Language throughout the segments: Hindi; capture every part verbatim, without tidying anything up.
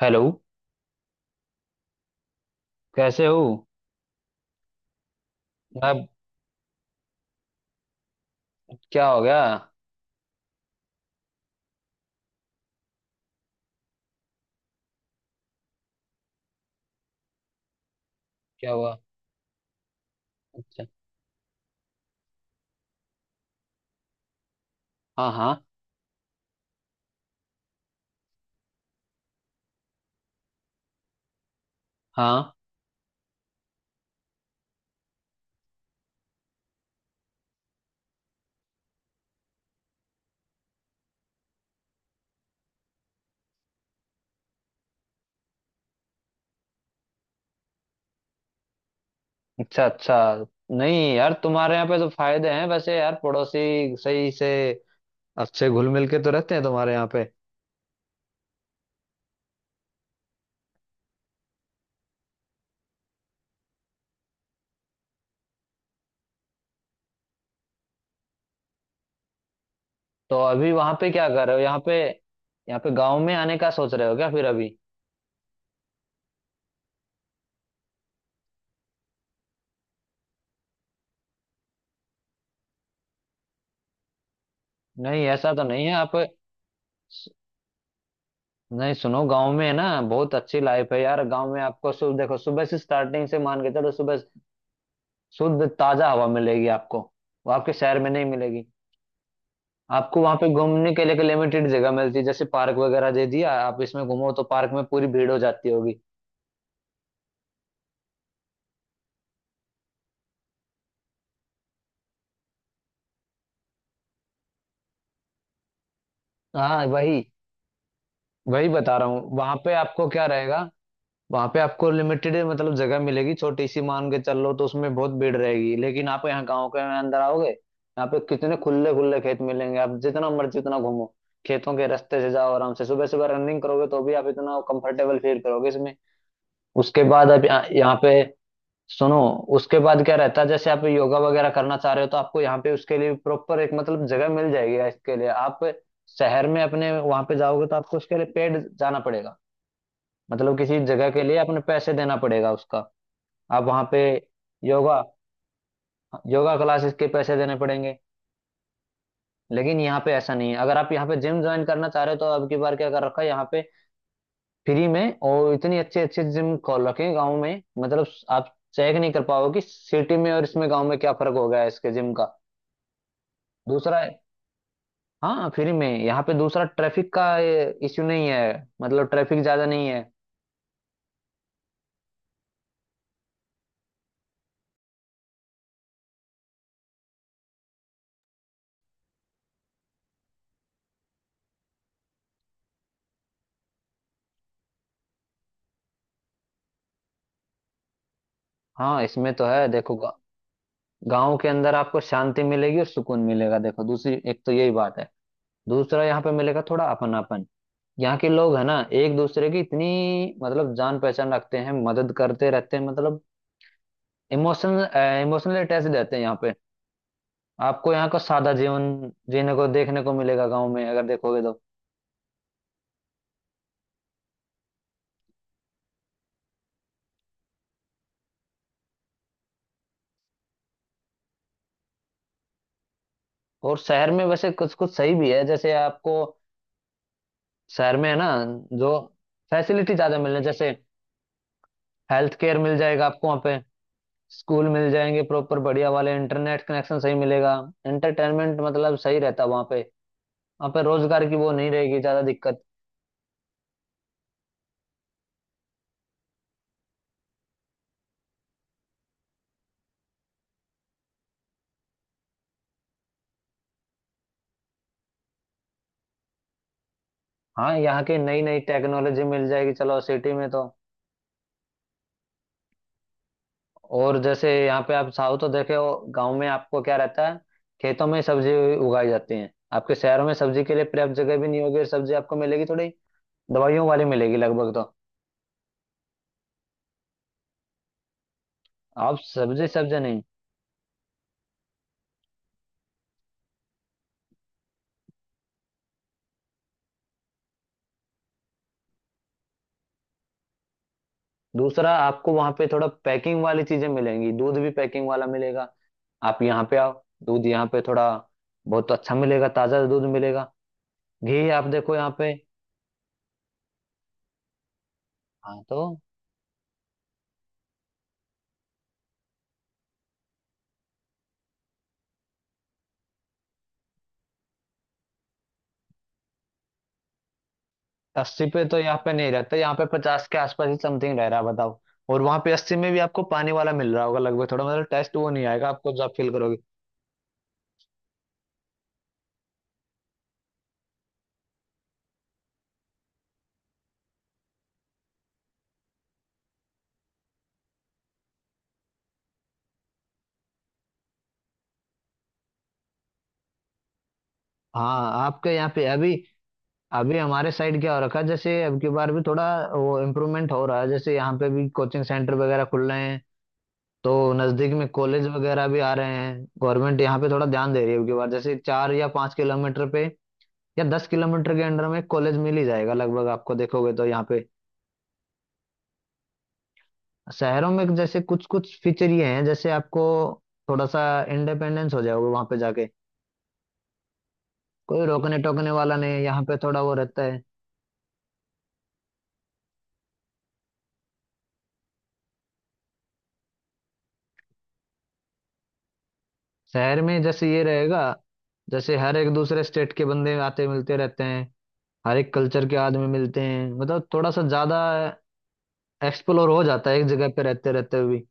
हेलो। कैसे हो? मैं। क्या हो गया? क्या हुआ? अच्छा। हाँ, हाँ, हाँ। अच्छा, अच्छा। नहीं यार, तुम्हारे यहाँ पे तो फायदे हैं वैसे यार, पड़ोसी सही से अच्छे घुल मिल के तो रहते हैं तुम्हारे यहाँ पे। तो अभी वहाँ पे क्या कर रहे हो यहाँ पे? यहाँ पे गांव में आने का सोच रहे हो क्या फिर अभी? नहीं, ऐसा तो नहीं है आप। नहीं सुनो, गांव में है ना, बहुत अच्छी लाइफ है यार। गांव में आपको सुबह देखो, सुबह से स्टार्टिंग से मान के चलो, सुबह शुद्ध ताजा हवा मिलेगी आपको। वो आपके शहर में नहीं मिलेगी। आपको वहां पे घूमने के लिए एक लिमिटेड जगह मिलती है, जैसे पार्क वगैरह दे दिया, आप इसमें घूमो तो पार्क में पूरी भीड़ हो जाती होगी। हाँ वही। वही बता रहा हूँ, वहां पे आपको क्या रहेगा। वहां पे आपको लिमिटेड मतलब जगह मिलेगी छोटी सी मान के चल लो, तो उसमें बहुत भीड़ रहेगी, लेकिन आप यहाँ गाँव के अंदर आओगे यहाँ पे कितने खुले खुले खेत मिलेंगे, आप जितना मर्जी उतना घूमो। खेतों के रास्ते से जाओ आराम से, सुबह सुबह रनिंग करोगे तो भी आप इतना कंफर्टेबल फील करोगे इसमें। उसके बाद आप यहाँ यहाँ पे। सुनो। उसके बाद क्या रहता है, जैसे आप योगा वगैरह करना चाह रहे हो, तो आपको यहाँ पे उसके लिए प्रॉपर एक मतलब जगह मिल जाएगी इसके लिए। आप शहर में अपने वहां पे जाओगे तो आपको उसके लिए पेड जाना पड़ेगा। मतलब किसी जगह के लिए अपने पैसे देना पड़ेगा उसका। आप वहाँ पे। योगा। योगा क्लासेस के पैसे देने पड़ेंगे। लेकिन यहाँ पे ऐसा नहीं है, अगर आप यहाँ पे जिम ज्वाइन करना चाह रहे हो तो अब की बार क्या कर रखा है यहाँ पे? फ्री में, और इतनी अच्छी अच्छी जिम खोल रखे हैं गाँव में मतलब। आप चेक नहीं कर पाओगे कि सिटी में और इसमें गाँव में क्या फर्क हो गया है इसके जिम का। दूसरा। हाँ फ्री में। यहाँ पे दूसरा ट्रैफिक का इश्यू नहीं है। मतलब ट्रैफिक ज्यादा नहीं है। हाँ इसमें तो है, देखो गा, गाँव के अंदर आपको शांति मिलेगी और सुकून मिलेगा, देखो दूसरी एक तो यही बात है। दूसरा यहाँ पे मिलेगा थोड़ा अपनापन। यहाँ के लोग है ना, एक दूसरे की इतनी मतलब जान पहचान रखते हैं, मदद करते रहते हैं मतलब। इमोशनल। इमोशनल अटैच रहते हैं यहाँ पे। आपको यहाँ का सादा जीवन जीने को देखने को मिलेगा गाँव में अगर देखोगे तो। और शहर में वैसे कुछ कुछ सही भी है जैसे आपको। शहर में है ना, जो फैसिलिटी ज्यादा मिलने, जैसे हेल्थ केयर मिल जाएगा आपको वहाँ पे। स्कूल मिल जाएंगे प्रॉपर बढ़िया वाले, इंटरनेट कनेक्शन सही मिलेगा। एंटरटेनमेंट मतलब सही रहता है वहाँ पे। वहाँ पे रोजगार की वो नहीं रहेगी ज्यादा दिक्कत। हाँ यहाँ की नई नई टेक्नोलॉजी मिल जाएगी चलो सिटी में तो। और जैसे यहाँ पे आप साउथ तो देखे हो, गाँव में आपको क्या रहता है, खेतों में सब्जी उगाई जाती है। आपके शहरों में सब्जी के लिए पर्याप्त जगह भी नहीं होगी, और सब्जी आपको मिलेगी थोड़ी दवाइयों वाली मिलेगी लगभग तो। आप सब्जी सब्जी नहीं। दूसरा, आपको वहां पे थोड़ा पैकिंग वाली चीजें मिलेंगी, दूध भी पैकिंग वाला मिलेगा। आप यहाँ पे आओ। दूध यहाँ पे थोड़ा बहुत अच्छा मिलेगा, ताजा दूध मिलेगा। घी आप देखो यहाँ पे। हाँ तो। अस्सी पे तो यहाँ पे नहीं रहता, यहाँ पे पचास के आसपास ही समथिंग रह रहा है, बताओ। और वहां पे अस्सी में भी आपको पानी वाला मिल रहा होगा लगभग, थोड़ा मतलब टेस्ट वो नहीं आएगा आपको जब फील करोगे। हाँ आपके यहाँ पे अभी। अभी हमारे साइड क्या हो रखा है, जैसे अब की बार भी थोड़ा वो इम्प्रूवमेंट हो रहा है, जैसे यहाँ पे भी कोचिंग सेंटर वगैरह खुल रहे हैं। तो नजदीक में कॉलेज वगैरह भी आ रहे हैं, गवर्नमेंट यहाँ पे थोड़ा ध्यान दे रही है अब की बार, जैसे चार या पाँच किलोमीटर पे या दस किलोमीटर के अंडर में कॉलेज मिल ही जाएगा लगभग आपको देखोगे तो यहाँ पे। शहरों में जैसे कुछ कुछ फीचर ये हैं, जैसे आपको थोड़ा सा इंडिपेंडेंस हो जाओगे वहां पे जाके। कोई रोकने टोकने वाला नहीं है, यहाँ पे थोड़ा वो रहता है। शहर में जैसे ये रहेगा, जैसे हर एक दूसरे स्टेट के बंदे आते मिलते रहते हैं, हर एक कल्चर के आदमी मिलते हैं मतलब, थोड़ा सा ज्यादा एक्सप्लोर हो जाता है एक जगह पे रहते रहते हुए।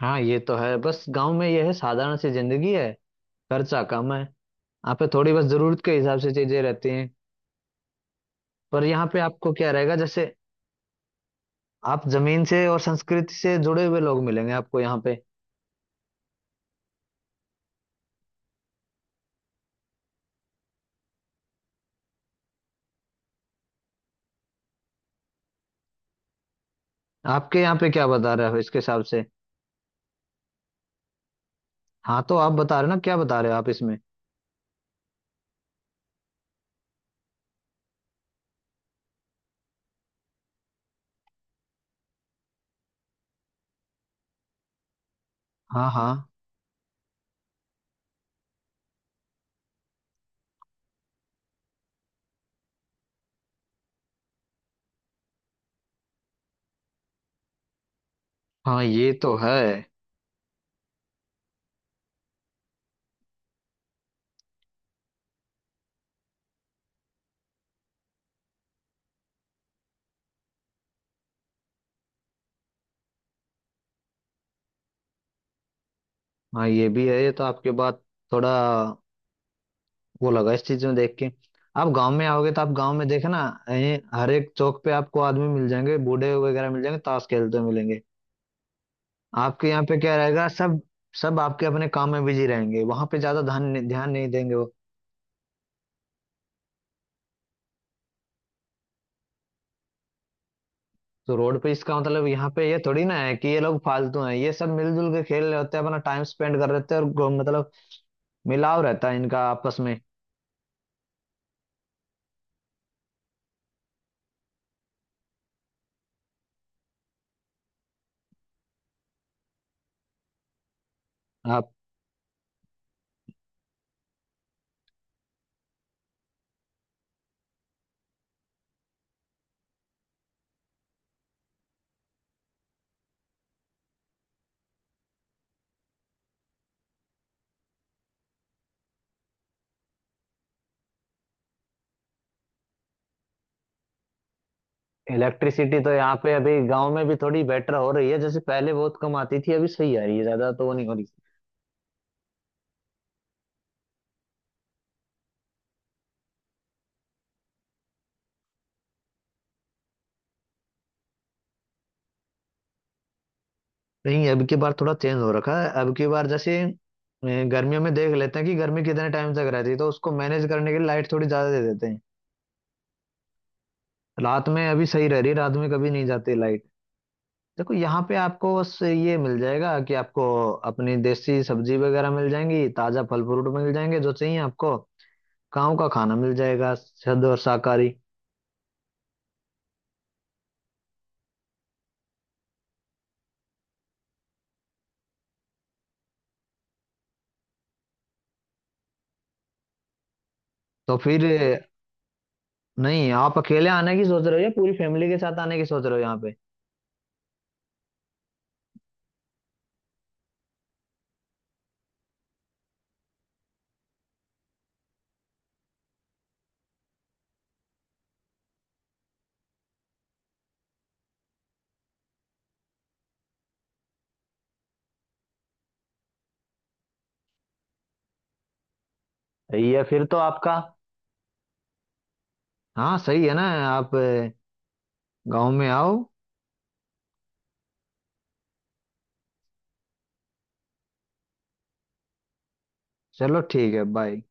हाँ ये तो है, बस गांव में ये है साधारण सी जिंदगी है। खर्चा कम है। यहाँ पे थोड़ी बस जरूरत के हिसाब से चीजें रहती हैं। पर यहाँ पे आपको क्या रहेगा, जैसे आप जमीन से और संस्कृति से जुड़े हुए लोग मिलेंगे आपको यहाँ पे। आपके यहाँ पे क्या बता रहे हो इसके हिसाब से? हाँ तो आप बता रहे हो ना, क्या बता रहे हो आप इसमें? हाँ, हाँ। हाँ ये तो है। हाँ ये भी है, ये तो आपके बात थोड़ा वो लगा इस चीज में देख के। आप गांव में आओगे तो आप गांव में देखे ना, ये हर एक चौक पे आपको आदमी मिल जाएंगे, बूढ़े वगैरह मिल जाएंगे ताश खेलते हुए मिलेंगे। आपके यहाँ पे क्या रहेगा सब? सब आपके अपने काम में बिजी रहेंगे, वहां पे ज्यादा ध्यान ध्यान नहीं देंगे वो। तो रोड पे इसका मतलब यहाँ पे ये थोड़ी ना है कि ये लोग फालतू हैं, ये सब मिलजुल के खेल रहे होते हैं अपना टाइम स्पेंड कर रहे होते हैं, और गो- मतलब मिलाव रहता है इनका आपस में। आप। इलेक्ट्रिसिटी तो यहाँ पे अभी गांव में भी थोड़ी बेटर हो रही है, जैसे पहले बहुत कम आती थी, अभी सही आ रही है, ज्यादा तो वो नहीं हो रही। नहीं अब की बार थोड़ा चेंज हो रखा है, अब की बार जैसे अ, गर्मियों में देख लेते हैं कि गर्मी कितने टाइम तक रहती है, तो उसको मैनेज करने के लिए लाइट थोड़ी ज्यादा दे देते हैं। रात में अभी सही रह रही, रात में कभी नहीं जाती लाइट। देखो यहाँ पे आपको बस ये मिल जाएगा कि आपको अपनी देसी सब्जी वगैरह मिल जाएंगी, ताजा फल फ्रूट मिल जाएंगे जो चाहिए आपको। गाँव का खाना मिल जाएगा शुद्ध और शाकाहारी। तो फिर? नहीं, आप अकेले आने की सोच रहे हो या पूरी फैमिली के साथ आने की सोच रहे हो यहाँ पे? या फिर तो आपका। हाँ सही है ना। आप गाँव में आओ। चलो ठीक है, बाय।